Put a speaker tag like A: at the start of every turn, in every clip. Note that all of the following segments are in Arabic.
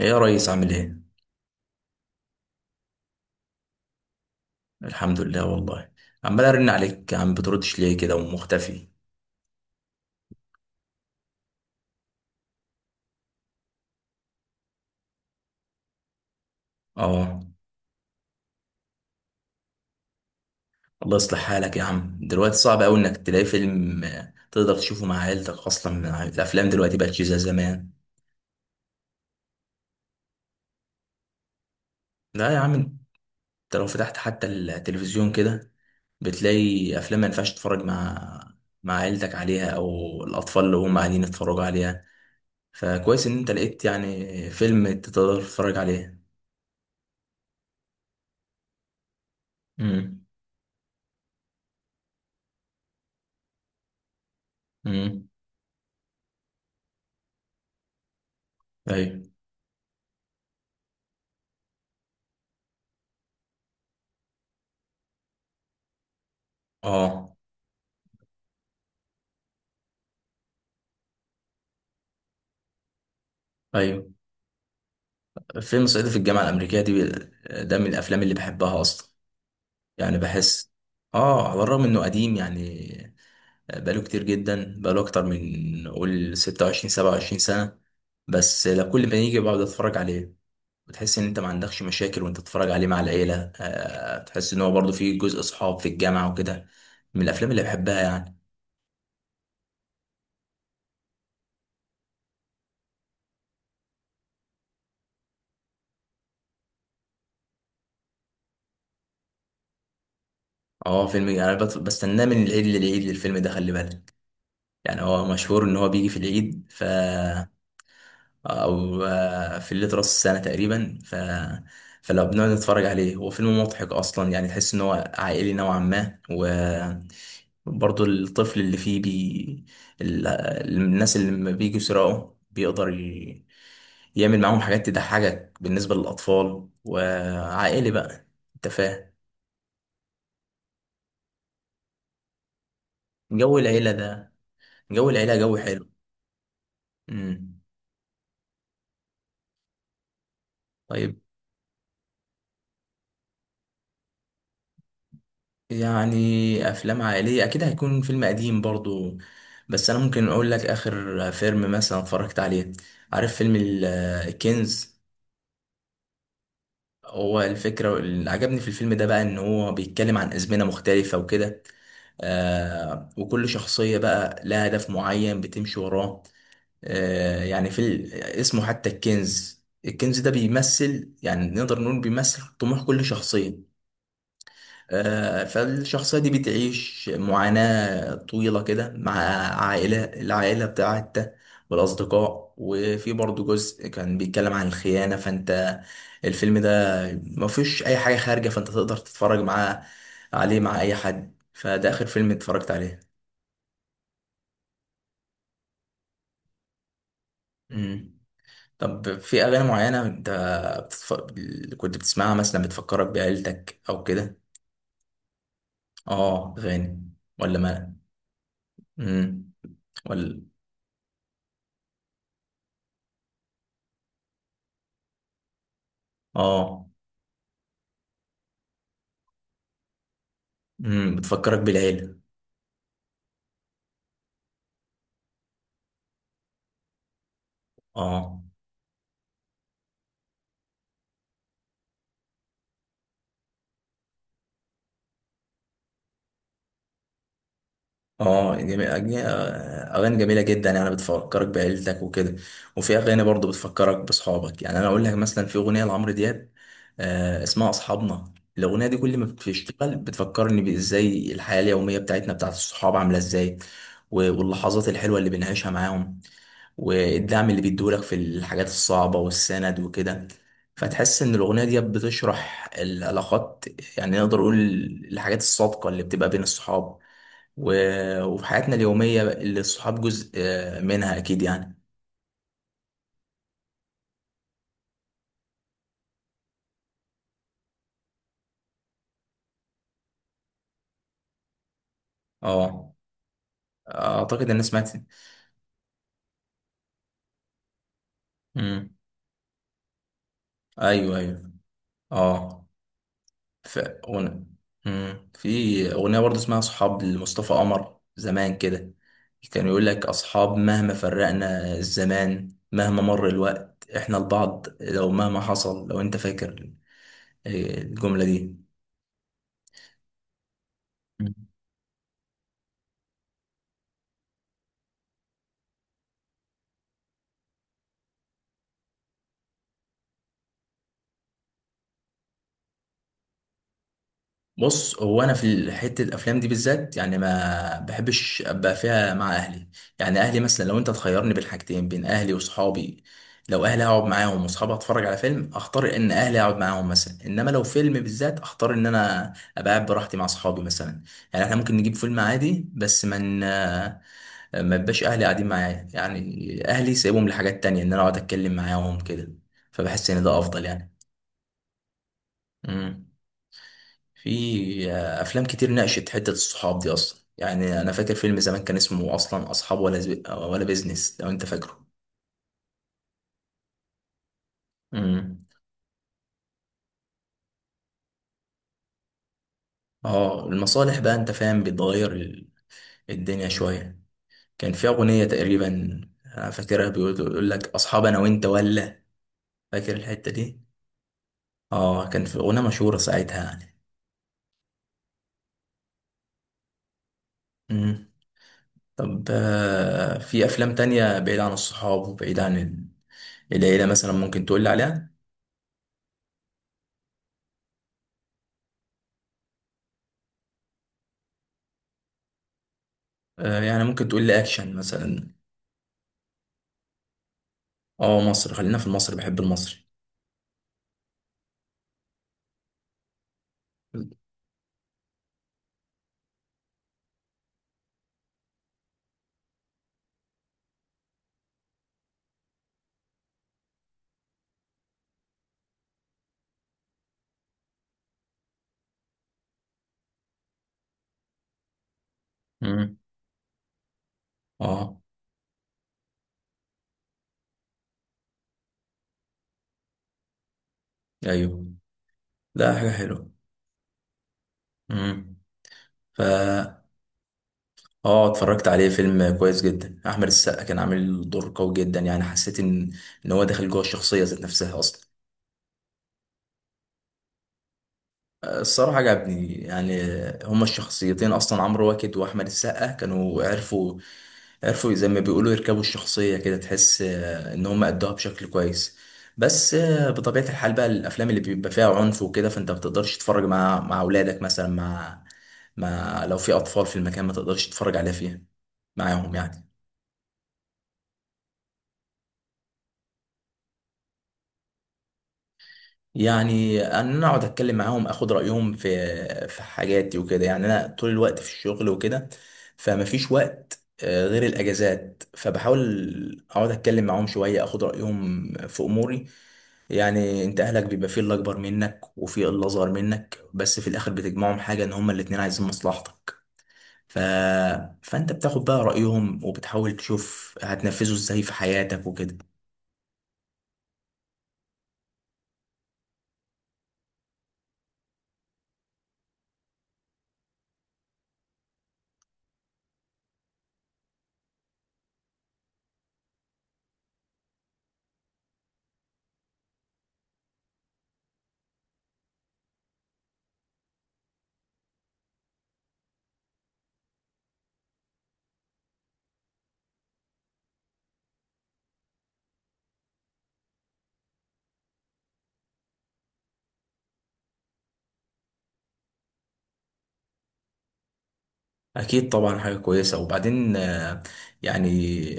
A: ايه يا ريس؟ عامل ايه؟ الحمد لله والله. عمال ارن عليك يا عم، بتردش ليه كده ومختفي؟ اه. الله يصلح حالك يا عم. دلوقتي صعب قوي انك تلاقي فيلم تقدر تشوفه مع عيلتك اصلا، الافلام دلوقتي بقت مش زي زمان. لا يا عم انت، لو فتحت حتى التلفزيون كده بتلاقي افلام ما ينفعش تتفرج مع عيلتك عليها، او الاطفال اللي هم قاعدين يتفرجوا عليها. فكويس ان انت لقيت يعني فيلم تقدر تتفرج عليه. امم. امم. ايوه. اه. ايوه. فيلم صعيدي في الجامعة الأمريكية دي، ده من الأفلام اللي بحبها أصلا. يعني بحس، آه، على الرغم إنه قديم يعني. آه، بقاله كتير جدا، بقاله أكتر من قول 26 27 سنة. بس لا، كل ما يجي بقعد أتفرج عليه. بتحس إن أنت ما عندكش مشاكل وأنت تتفرج عليه مع العيلة. آه، تحس إن هو برضه فيه جزء صحاب في الجامعة وكده. من الأفلام اللي بحبها يعني. آه، فيلم أنا بستناه من العيد للعيد للفيلم ده، خلي بالك. يعني هو مشهور إن هو بيجي في العيد، ف، او في الليل راس السنه تقريبا. ف، فلو بنقعد نتفرج عليه هو فيلم مضحك اصلا، يعني تحس ان هو عائلي نوعا ما. وبرضه الطفل اللي فيه ال- الناس اللي لما بيجوا يسرقوا بيقدر يعمل معاهم حاجات تضحكك بالنسبه للاطفال، وعائلي بقى. انت فاهم، جو العيله ده. جو العيله جو حلو. امم. طيب. يعني افلام عائليه اكيد هيكون فيلم قديم برضو، بس انا ممكن اقول لك اخر فيلم مثلا اتفرجت عليه. عارف فيلم الكنز؟ هو الفكره اللي عجبني في الفيلم ده بقى ان هو بيتكلم عن ازمنه مختلفه وكده. آه، وكل شخصيه بقى لها هدف معين بتمشي وراه. آه، يعني في اسمه حتى الكنز، الكنز ده بيمثل، يعني نقدر نقول بيمثل طموح كل شخصيه. فالشخصية دي بتعيش معاناة طويلة كده مع العائلة بتاعتها والأصدقاء. وفي برضه جزء كان بيتكلم عن الخيانة. فأنت الفيلم ده مفيش أي حاجة خارجة، فأنت تقدر تتفرج معاه عليه مع أي حد. فده آخر فيلم اتفرجت عليه. مم. طب، في أغاني معينة أنت بتتف... كنت بتسمعها مثلا بتفكرك بعيلتك أو كده؟ آه، أغاني؟ ولا ما؟ مم. ولا. آه. بتفكرك بالعيلة؟ اه. اه، جميل اغاني جميلة جدا يعني بتفكرك بعيلتك وكده. وفي اغاني برضو بتفكرك باصحابك. يعني انا اقول لك مثلا في اغنية لعمرو دياب، آه، اسمها اصحابنا. الاغنية دي كل ما بتشتغل بتفكرني بازاي الحياة اليومية بتاعتنا بتاعت الصحاب عاملة ازاي، واللحظات الحلوة اللي بنعيشها معاهم والدعم اللي بيدولك في الحاجات الصعبة والسند وكده. فتحس إن الأغنية دي بتشرح العلاقات، يعني نقدر نقول الحاجات الصادقة اللي بتبقى بين الصحاب وفي حياتنا اليومية اللي الصحاب جزء منها أكيد يعني. اه، أعتقد إن أنا سمعت. مم. أيوه، أيوه. اه. ف... ون... مم. في أغنية برضه اسمها أصحاب لمصطفى قمر زمان كده، كان يقول لك أصحاب مهما فرقنا الزمان، مهما مر الوقت إحنا لبعض لو مهما حصل، لو أنت فاكر إيه، الجملة دي. بص، هو انا في حته الافلام دي بالذات يعني ما بحبش ابقى فيها مع اهلي. يعني اهلي مثلا، لو انت تخيرني بين حاجتين، بين اهلي واصحابي، لو اهلي هقعد معاهم واصحابي اتفرج على فيلم، اختار ان اهلي اقعد معاهم مثلا. انما لو فيلم بالذات اختار ان انا ابقى قاعد براحتي مع اصحابي مثلا. يعني احنا ممكن نجيب فيلم عادي بس من ما ما يبقاش اهلي قاعدين معايا يعني. اهلي سايبهم لحاجات تانية ان انا اقعد اتكلم معاهم كده، فبحس ان ده افضل يعني. إمم. في افلام كتير ناقشت حته الصحاب دي اصلا. يعني انا فاكر فيلم زمان كان اسمه اصلا اصحاب ولا ولا بيزنس، لو انت فاكره. امم. اه، المصالح بقى انت فاهم بتغير الدنيا شويه. كان في اغنيه تقريبا، انا فاكرها بيقول، يقول لك اصحاب انا وانت ولا، فاكر الحته دي؟ اه، كان في اغنيه مشهوره ساعتها يعني. امم. طب، في افلام تانية بعيد عن الصحاب وبعيد عن العيله مثلا، ممكن تقول لي عليها؟ يعني ممكن تقول لي اكشن مثلا. اه، مصر، خلينا في المصري، بحب المصري. امم. اه. ايوه. لا، حاجه حلوه. امم. فا اه، اتفرجت عليه، فيلم كويس جدا. احمد السقا كان عامل دور قوي جدا، يعني حسيت ان هو داخل جوه الشخصيه ذات نفسها اصلا. الصراحه عجبني يعني. هما الشخصيتين اصلا عمرو واكد واحمد السقا كانوا عرفوا زي ما بيقولوا يركبوا الشخصية كده، تحس إن هم أدوها بشكل كويس. بس بطبيعة الحال بقى الأفلام اللي بيبقى فيها عنف وكده، فأنت ما بتقدرش تتفرج مع أولادك مثلا، مع لو في أطفال في المكان ما تقدرش تتفرج عليها فيها معاهم يعني. يعني أن أنا أقعد أتكلم معاهم، أخد رأيهم في حاجاتي وكده. يعني أنا طول الوقت في الشغل وكده، فما فيش وقت غير الأجازات، فبحاول أقعد أتكلم معاهم شوية، أخد رأيهم في أموري. يعني انت اهلك بيبقى فيه اللي اكبر منك وفيه اللي اصغر منك، بس في الاخر بتجمعهم حاجه ان هما الاتنين عايزين مصلحتك. ف... فانت بتاخد بقى رايهم وبتحاول تشوف هتنفذه ازاي في حياتك وكده. اكيد طبعا حاجه كويسه. وبعدين يعني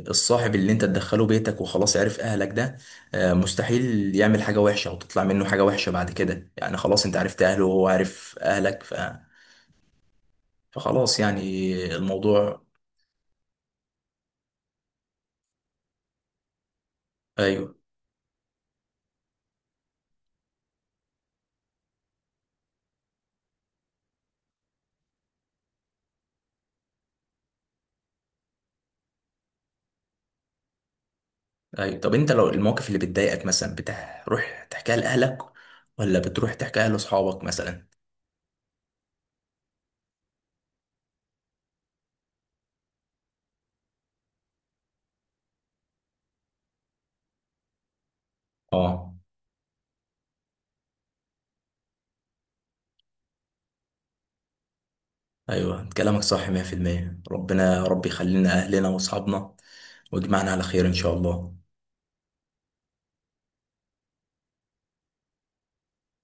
A: الصاحب اللي انت تدخله بيتك وخلاص عرف اهلك ده، مستحيل يعمل حاجه وحشه او تطلع منه حاجه وحشه بعد كده. يعني خلاص انت عرفت اهله وهو عارف اهلك. فخلاص يعني الموضوع. ايوه، ايوه. طب انت لو المواقف اللي بتضايقك مثلا بتروح تحكيها لاهلك ولا بتروح تحكيها لاصحابك مثلا؟ اه. ايوه، كلامك صح 100%. ربنا يا رب يخلينا اهلنا واصحابنا، ويجمعنا على خير ان شاء الله.